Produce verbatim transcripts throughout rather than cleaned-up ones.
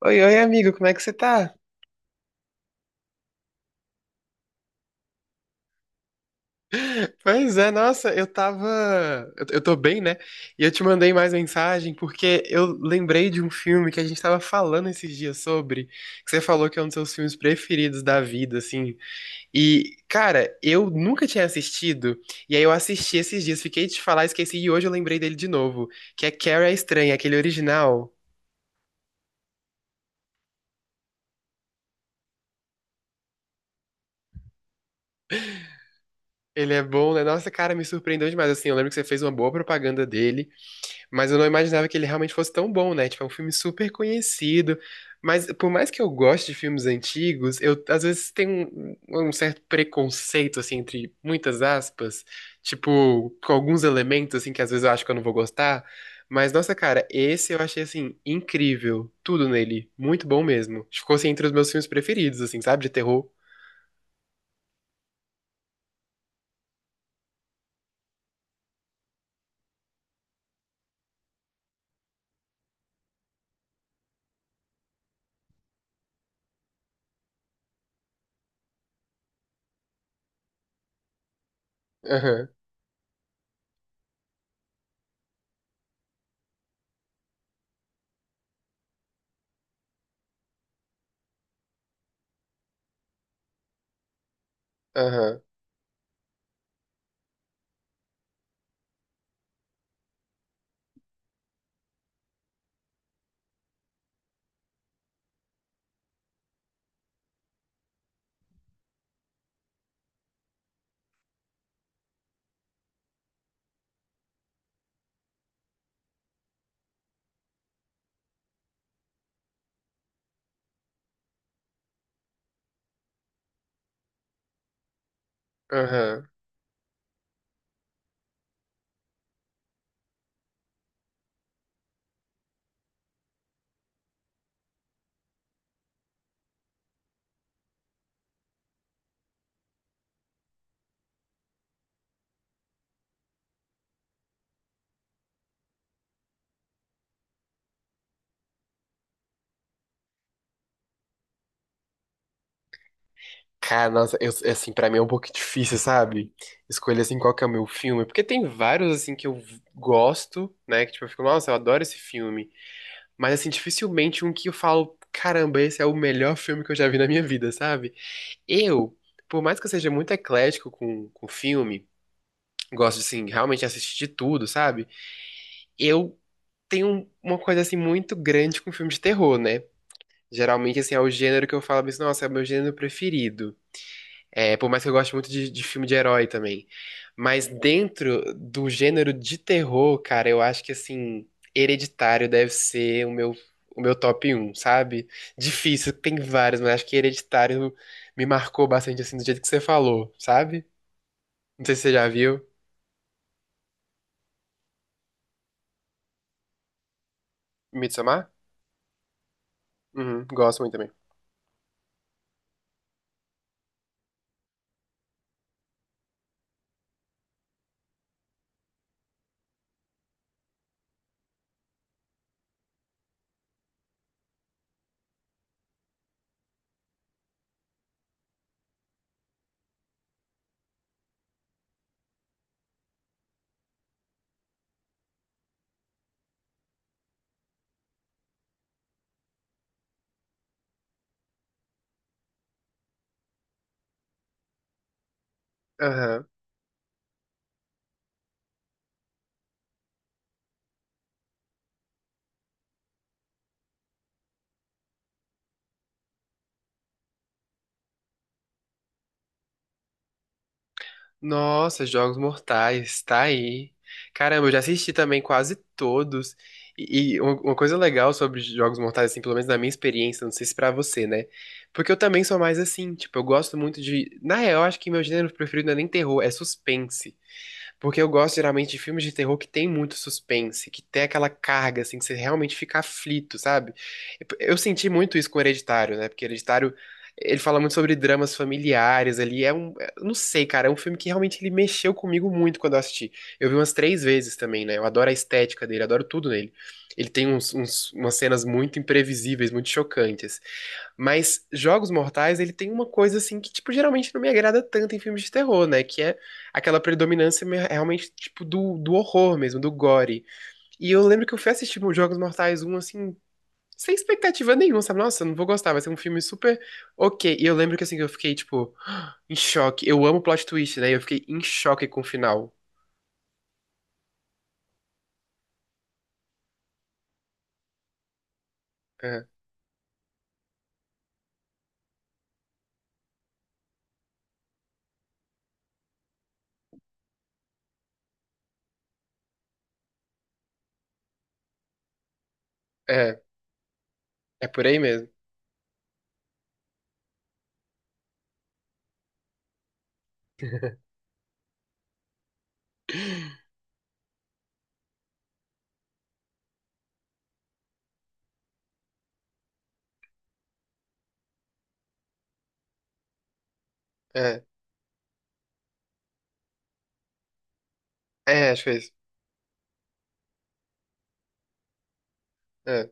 Oi, oi, amigo, como é que você tá? Pois é, nossa, eu tava. Eu, eu tô bem, né? E eu te mandei mais mensagem porque eu lembrei de um filme que a gente tava falando esses dias sobre, que você falou que é um dos seus filmes preferidos da vida, assim. E, cara, eu nunca tinha assistido, e aí eu assisti esses dias, fiquei de te falar, esqueci, e hoje eu lembrei dele de novo, que é Carrie a Estranha, aquele original. Ele é bom, né? Nossa, cara, me surpreendeu demais. Assim, eu lembro que você fez uma boa propaganda dele. Mas eu não imaginava que ele realmente fosse tão bom, né? Tipo, é um filme super conhecido. Mas por mais que eu goste de filmes antigos, eu às vezes tenho um, um certo preconceito, assim, entre muitas aspas, tipo, com alguns elementos, assim, que às vezes eu acho que eu não vou gostar. Mas, nossa, cara, esse eu achei, assim, incrível. Tudo nele. Muito bom mesmo. Ficou, assim, entre os meus filmes preferidos, assim, sabe? De terror. Aham, aham, aham. Cara, nossa, eu, assim, pra mim é um pouco difícil, sabe? Escolher, assim, qual que é o meu filme. Porque tem vários, assim, que eu gosto, né? Que, tipo, eu fico, nossa, eu adoro esse filme. Mas, assim, dificilmente um que eu falo, caramba, esse é o melhor filme que eu já vi na minha vida, sabe? Eu, por mais que eu seja muito eclético com, com filme, gosto de, assim, realmente assistir de tudo, sabe? Eu tenho um, uma coisa, assim, muito grande com filme de terror, né? Geralmente, assim, é o gênero que eu falo, mas, nossa, é o meu gênero preferido. É, por mais que eu goste muito de, de filme de herói também. Mas dentro do gênero de terror, cara, eu acho que, assim, Hereditário deve ser o meu, o meu top um, sabe? Difícil, tem vários, mas acho que Hereditário me marcou bastante, assim, do jeito que você falou, sabe? Não sei se você já viu Midsommar? Uhum, gosto muito também. Aham. Nossa, Jogos Mortais, tá aí. Caramba, eu já assisti também quase todos. E, e uma uma coisa legal sobre Jogos Mortais, assim, pelo menos na minha experiência, não sei se pra você, né? Porque eu também sou mais assim, tipo, eu gosto muito de. Na real, eu acho que meu gênero preferido não é nem terror, é suspense. Porque eu gosto geralmente de filmes de terror que tem muito suspense, que tem aquela carga, assim, que você realmente fica aflito, sabe? Eu senti muito isso com Hereditário, né? Porque Hereditário, ele fala muito sobre dramas familiares ali. É um. É, eu não sei, cara, é um filme que realmente ele mexeu comigo muito quando eu assisti. Eu vi umas três vezes também, né? Eu adoro a estética dele, adoro tudo nele. Ele tem uns, uns- umas cenas muito imprevisíveis, muito chocantes. Mas Jogos Mortais, ele tem uma coisa assim que, tipo, geralmente não me agrada tanto em filmes de terror, né? Que é aquela predominância me- realmente, tipo, do, do horror mesmo, do gore. E eu lembro que eu fui assistir os Jogos Mortais um assim, sem expectativa nenhuma, sabe? Nossa, eu não vou gostar, vai ser um filme super ok. E eu lembro que, assim, eu fiquei, tipo, em choque. Eu amo plot twist, né? Eu fiquei em choque com o final. É, é, é por aí mesmo. É, é, acho que é isso. É.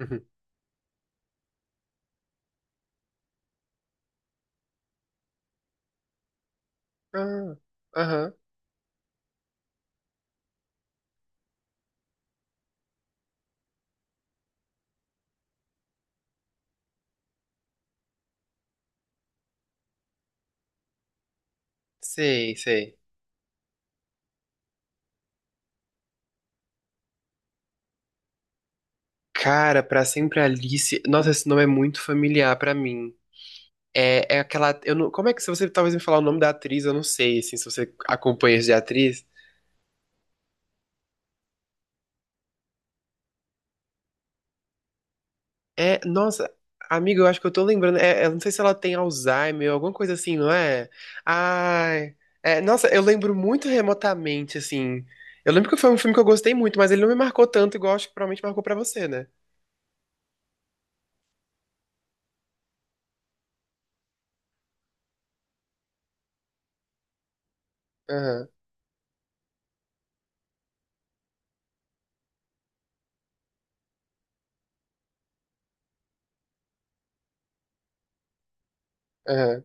Uhum. Ah, aham. Sei, sei. Cara, Pra Sempre Alice. Nossa, esse nome é muito familiar pra mim. É, é aquela. Eu não, como é que se você talvez me falar o nome da atriz, eu não sei, assim, se você acompanha isso de atriz. É, nossa, amiga, eu acho que eu tô lembrando. É, eu não sei se ela tem Alzheimer, alguma coisa assim, não é? Ai. É, nossa, eu lembro muito remotamente, assim. Eu lembro que foi um filme que eu gostei muito, mas ele não me marcou tanto, igual acho que provavelmente marcou pra você, né? Aham, aham,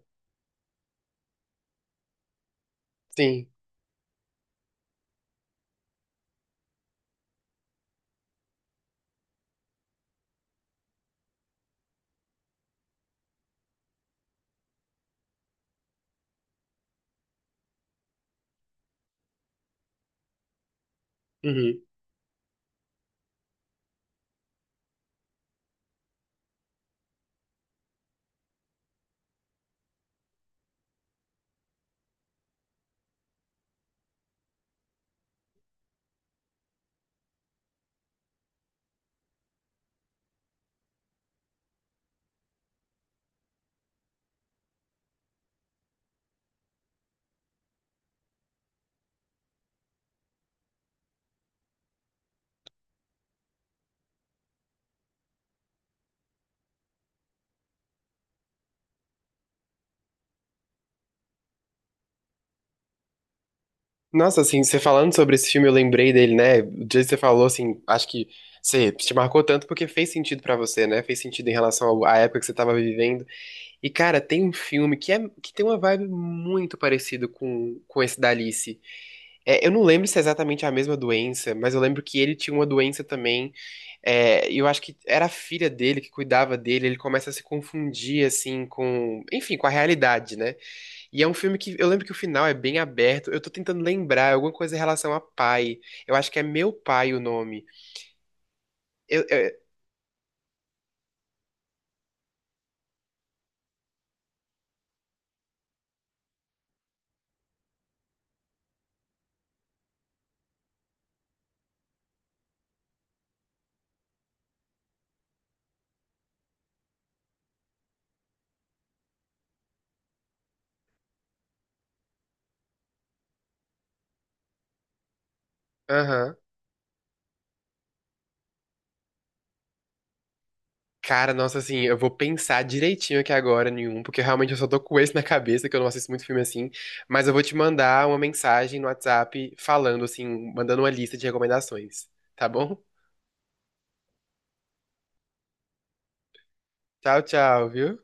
sim. Uhum. Nossa, assim, você falando sobre esse filme, eu lembrei dele, né? O dia que você falou, assim, acho que você te marcou tanto porque fez sentido pra você, né? Fez sentido em relação ao- à época que você tava vivendo. E, cara, tem um filme que, é, que tem uma vibe muito parecida com, com esse da Alice. É, eu não lembro se é exatamente a mesma doença, mas eu lembro que ele tinha uma doença também. É, e eu acho que era a filha dele que cuidava dele. Ele começa a se confundir, assim, com, enfim, com a realidade, né? E é um filme que eu lembro que o final é bem aberto. Eu tô tentando lembrar, é alguma coisa em relação a pai. Eu acho que é Meu Pai o nome. Eu, eu- aham. Cara, nossa, assim, eu vou pensar direitinho aqui agora nenhum, porque realmente eu só tô com esse na cabeça, que eu não assisto muito filme assim. Mas eu vou te mandar uma mensagem no WhatsApp falando, assim, mandando uma lista de recomendações. Tá bom? Tchau, tchau, viu?